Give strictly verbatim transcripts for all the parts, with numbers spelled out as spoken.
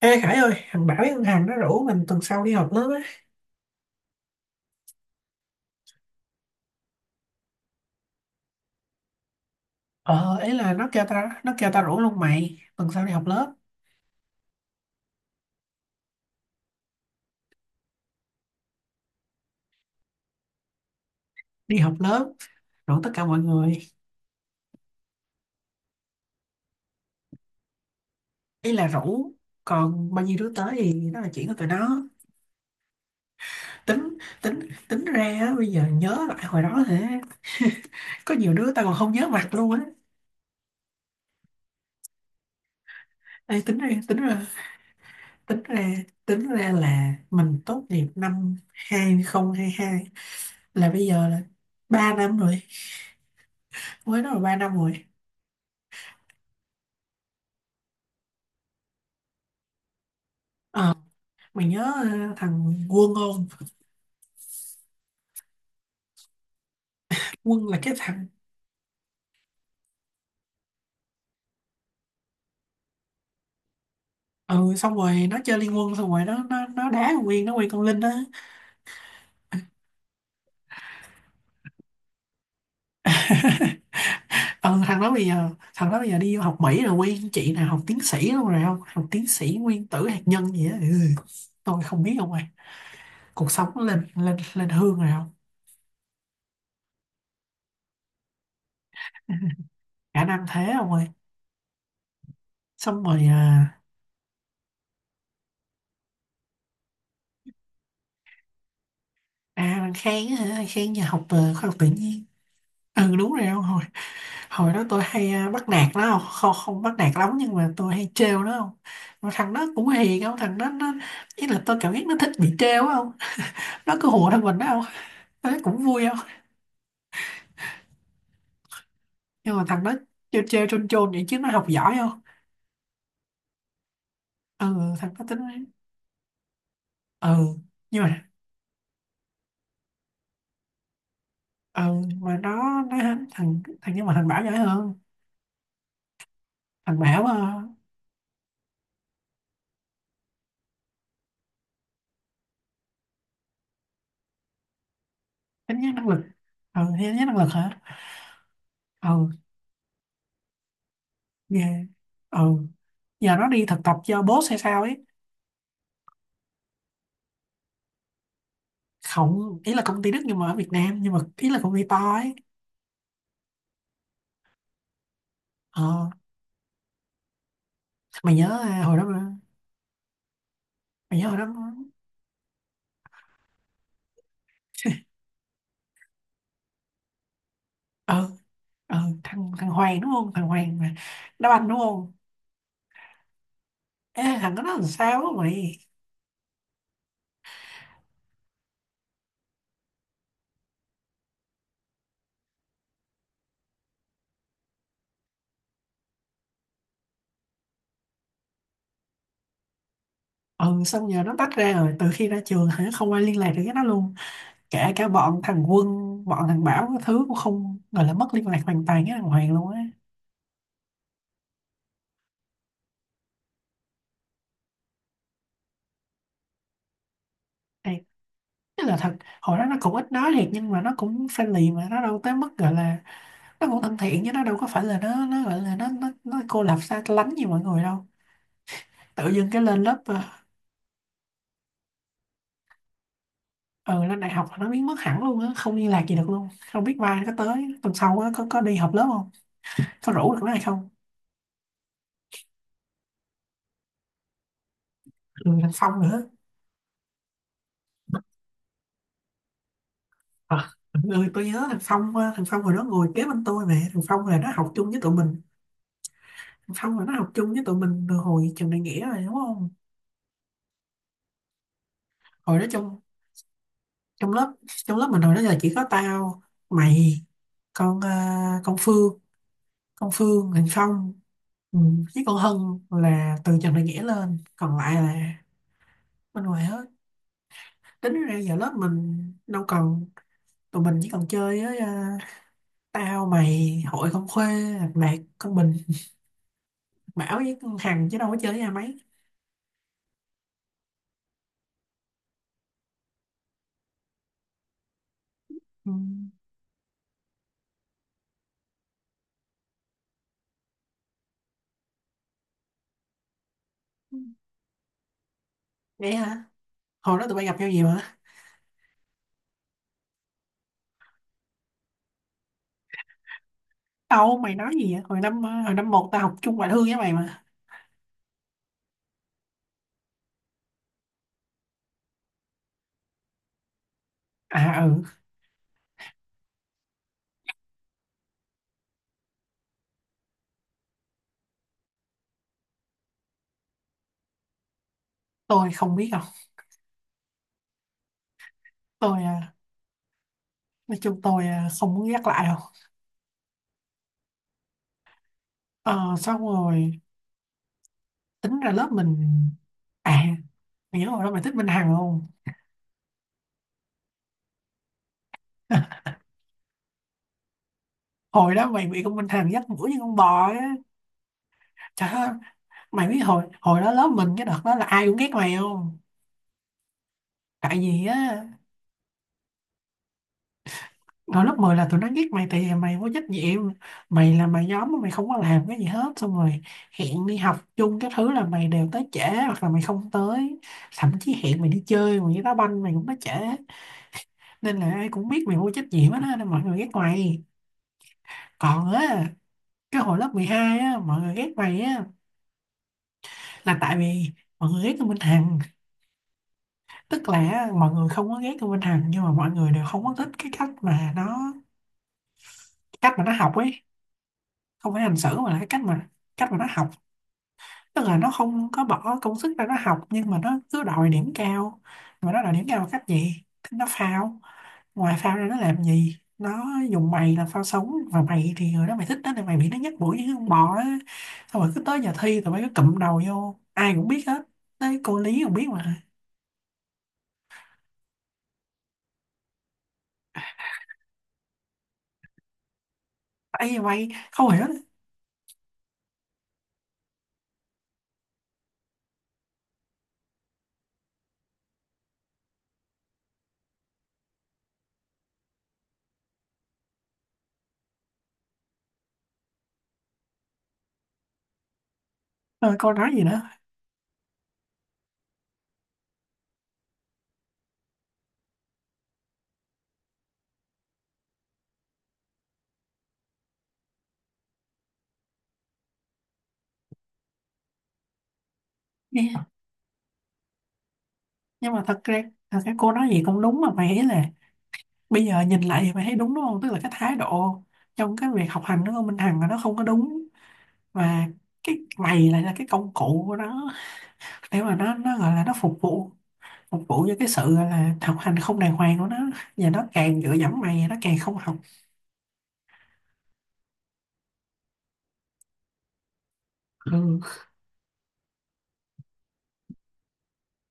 Ê Khải ơi, thằng Bảo với con Hằng nó rủ mình tuần sau đi họp lớp á. Ờ, ấy là nó kêu ta, nó kêu ta rủ luôn mày, tuần sau đi họp lớp, đi họp lớp, rủ tất cả mọi người. Ý là rủ, còn bao nhiêu đứa tới thì đó là chuyện của tụi nó. Tính, tính, tính ra á, bây giờ nhớ lại hồi đó hả, có nhiều đứa ta còn không nhớ mặt luôn á. Ê, tính ra, tính ra, tính ra, tính ra là mình tốt nghiệp năm hai không hai hai, là bây giờ là ba năm rồi, mới đó là ba năm rồi. Ờ, mày nhớ ờ, thằng Quân không. Quân là cái thằng, ừ, xong rồi nó chơi Liên Quân, xong rồi nó nó nó đá con Nguyên, nó quen con Linh đó. Ừ, thằng đó bây giờ thằng đó bây giờ đi học Mỹ rồi, quen chị nào học tiến sĩ luôn rồi, không, học tiến sĩ nguyên tử hạt nhân gì á, ừ. Tôi không biết không ơi, cuộc sống nó lên lên lên hương rồi không. Khả năng thế không ơi, xong rồi à. À, thằng Khang á hả? Thằng Khang giờ học ờ, khoa học tự nhiên. Ừ, đúng rồi không. Hồi hồi đó tôi hay à, bắt nạt nó không, không, không bắt nạt lắm nhưng mà tôi hay trêu nó không. Mà thằng đó cũng hiền không, thằng đó nó, ý là tôi cảm giác nó thích bị trêu á không, nó cứ hùa theo mình đó không, tôi thấy cũng vui không. Nhưng mà thằng đó trêu trêu chôn chôn vậy chứ nó học giỏi không. Ừ, thằng đó tính, ừ, nhưng mà ừ, mà nó nó thằng thằng nhưng mà thằng Bảo giỏi hơn. Thằng Bảo uh, tính nhất năng lực. Ừ, tính nhất năng lực hả? Ừ. Ghê. Ừ, giờ nó đi thực tập cho boss hay sao ấy. Không, ý là công ty Đức nhưng mà ở Việt Nam, nhưng mà ý là công ty to ấy. Ờ, mày nhớ à, hồi đó mà mày nhớ hồi đó mà. ờ ờ thằng thằng Hoàng đúng không, thằng Hoàng mà đá banh đúng không. Ê, thằng đó nó làm sao á mày? Ừ, xong giờ nó tách ra rồi từ khi ra trường hả, không ai liên lạc được với nó luôn, kể cả bọn thằng Quân, bọn thằng Bảo cái thứ, cũng không, gọi là mất liên lạc hoàn toàn với thằng Hoàng luôn á. Thế là thật, hồi đó nó cũng ít nói thiệt nhưng mà nó cũng friendly, mà nó đâu tới mức gọi là, nó cũng thân thiện chứ nó đâu có phải là nó nó gọi là nó nó, nó cô lập xa lánh như mọi người đâu. Tự dưng cái lên lớp ờ, ừ lên đại học là nó biến mất hẳn luôn á, không liên lạc gì được luôn, không biết mai nó có tới tuần sau á, có có đi họp lớp không, có rủ được nó hay không. Ừ, thằng Phong nữa. À, ừ, tôi nhớ thằng Phong ờ, thằng Phong hồi đó ngồi kế bên tôi, mà thằng Phong là nó học chung với tụi mình. Thằng Phong là nó học chung với tụi mình từ hồi trường đại nghĩa rồi đúng không. Hồi đó trong trong lớp trong lớp mình hồi đó là chỉ có tao, mày, con ờ, con Phương con Phương Huỳnh Phong. Ừ, với con Hân là từ Trần Đại Nghĩa lên, còn lại là bên ngoài hết. Tính ra giờ lớp mình đâu còn, tụi mình chỉ còn chơi với ờ, tao mày, hội con Khuê, Lạc Đạt, con Bình, Bảo với con Hằng, chứ đâu có chơi với ai mấy. Ừ. Vậy hả, hồi đó tụi bay gặp nhau gì mà. Đâu, mày nói gì vậy, hồi năm ờ, hồi năm một tao học chung ngoại thương với mày mà. À, ừ, tôi không biết đâu. Tôi ờ, nói chung tôi à, không muốn nhắc lại đâu. Ờ, xong rồi tính ra lớp mình, à, mày nhớ hồi đó mày thích Minh Hằng không. Hồi đó mày bị con Minh Hằng dắt mũi như con bò á, trời ơi. Mày biết hồi hồi đó lớp mình cái đợt đó là ai cũng ghét mày không, tại vì á, hồi lớp mười là tụi nó ghét mày tại vì mày vô trách nhiệm. Mày là mày nhóm mà mày không có làm cái gì hết, xong rồi hẹn đi học chung cái thứ là mày đều tới trễ, hoặc là mày không tới, thậm chí hẹn mày đi chơi, mày đi đá banh mày cũng tới trễ, nên là ai cũng biết mày vô trách nhiệm hết á, nên mọi người ghét mày. Còn á, cái hồi lớp mười hai á, mọi người ghét mày á, là tại vì mọi người ghét Tô Minh Hằng. Tức là á, mọi người không có ghét Tô Minh Hằng nhưng mà mọi người đều không có thích cái cách mà nó cách mà nó học ấy. Không phải hành xử mà là cái cách mà cách mà nó học. Tức là nó không có bỏ công sức ra nó học nhưng mà nó cứ đòi điểm cao. Mà nó đòi điểm cao bằng cách gì, nó phao, ngoài phao ra nó làm gì, nó dùng mày làm phao sống và mày thì người đó mày thích đó thì mày bị nó nhắc mũi như con bò á. Xong rồi cứ tới giờ thi tụi bay cứ cụm đầu vô, ai cũng biết hết, tới cô Lý còn biết mà. Ấy mày không hiểu nữa. Rồi cô nói gì nữa? Nghe- nhưng mà thật ra, thật ra cô nói gì cũng đúng mà mày, ý là bây giờ nhìn lại thì mày thấy đúng đúng không? Tức là cái thái độ trong cái việc học hành nó của con Minh Hằng là nó không có đúng, và cái mày lại là cái công cụ của nó để mà nó nó gọi là nó phục vụ, phục vụ cho cái sự gọi là học hành không đàng hoàng của nó. Và nó càng dựa dẫm mày nó càng không học. Ừ.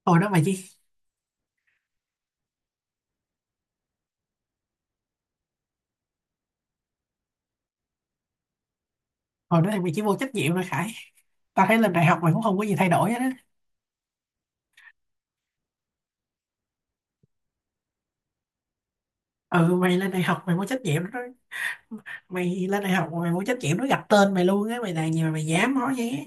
hồi đó mày chỉ Hồi đó thì mày chỉ vô trách nhiệm thôi Khải. Tao thấy lên đại học mày cũng không có gì thay đổi hết á. Ừ, mày lên đại học mày vô trách nhiệm đó. Mày lên đại học mày vô trách nhiệm, nó gặp tên mày luôn á, mày làm gì mà mày dám nói vậy á?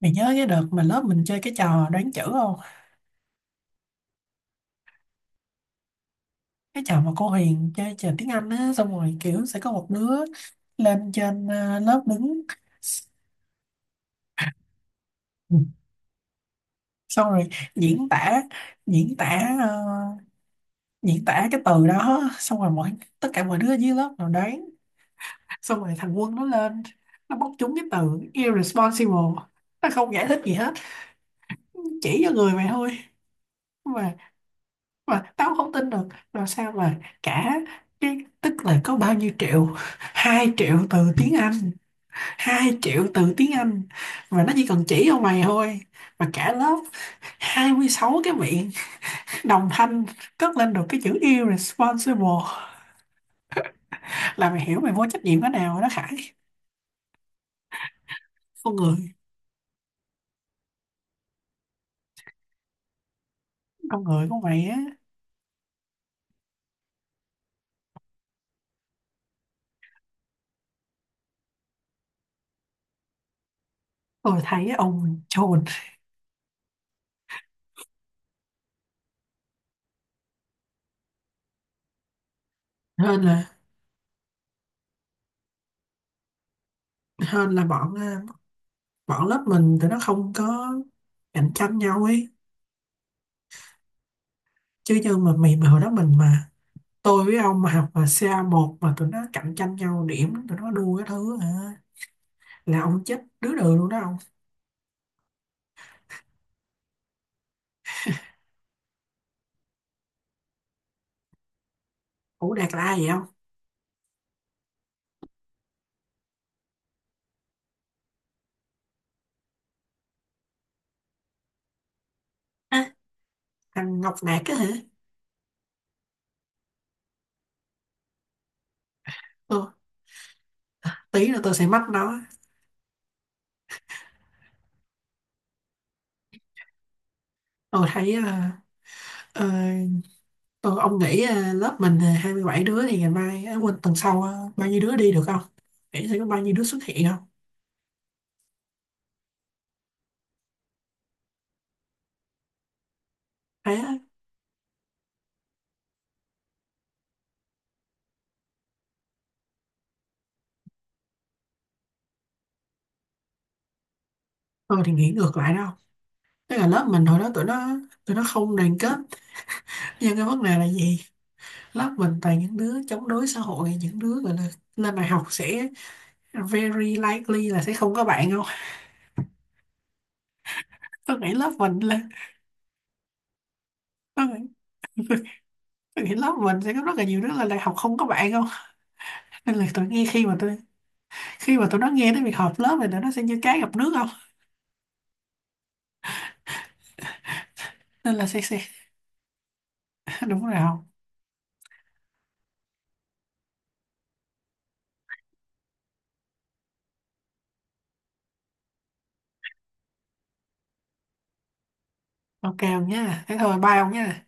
Mày nhớ cái đợt mà lớp mình chơi cái trò đoán chữ không? Cái trò mà cô Huyền chơi trò tiếng Anh á, xong rồi kiểu sẽ có một đứa lên trên ờ, lớp đứng, xong rồi diễn tả diễn tả ờ, diễn tả cái từ đó, xong rồi mọi, tất cả mọi đứa dưới lớp nào đoán. Xong rồi thằng Quân nó lên, nó bóc trúng cái từ irresponsible, nó không giải thích gì hết, chỉ cho người mày thôi. Mà mà tao không tin được. Rồi sao mà cả, cái tức là có bao nhiêu triệu, hai triệu từ tiếng Anh, hai triệu từ tiếng Anh, mà nó chỉ cần chỉ cho mày thôi, mà cả lớp hai mươi sáu cái miệng đồng thanh cất lên được cái chữ irresponsible, là mày hiểu mày vô trách nhiệm cái nào rồi đó Khải. Con người con người của mày á. Tôi thấy ông chồn. Hơn là, hơn là bọn ờ, bọn lớp mình tụi nó không có cạnh tranh nhau ấy. Chứ như mà mày mà hồi đó mình mà, tôi với ông mà học mà ca một mà tụi nó cạnh tranh nhau điểm, tụi nó đua cái thứ hả, là ông chết đứa đường luôn đó ông. Ủa Đạt là ai vậy ông? À, thằng Ngọc Đạt á hả. Ừ, tí nữa tôi sẽ mách nó. Tôi thấy ờ, ờ, ờ, ông nghĩ à, lớp mình à, hai mươi bảy đứa thì ngày mai, à, quên, tuần sau à, bao nhiêu đứa đi được không? Nghĩ sẽ có bao nhiêu đứa xuất hiện không? Thế á, tôi thì nghĩ ngược lại đâu. Tức là lớp mình hồi đó tụi nó, tụi nó không đoàn kết. Nhưng cái vấn đề là gì? Lớp mình toàn những đứa chống đối xã hội, những đứa gọi là lên đại học sẽ very likely là sẽ không có bạn không? Tôi nghĩ lớp mình là tôi nghĩ, tôi nghĩ lớp mình sẽ có rất là nhiều đứa lên đại học không có bạn không? Nên là tôi nghe khi mà tôi khi mà tụi nó nghe tới việc họp lớp thì tụi nó sẽ như cá gặp nước không? Nên là sẽ sẽ đúng rồi. Ok ông nhá, thế thôi, bye ông nhá.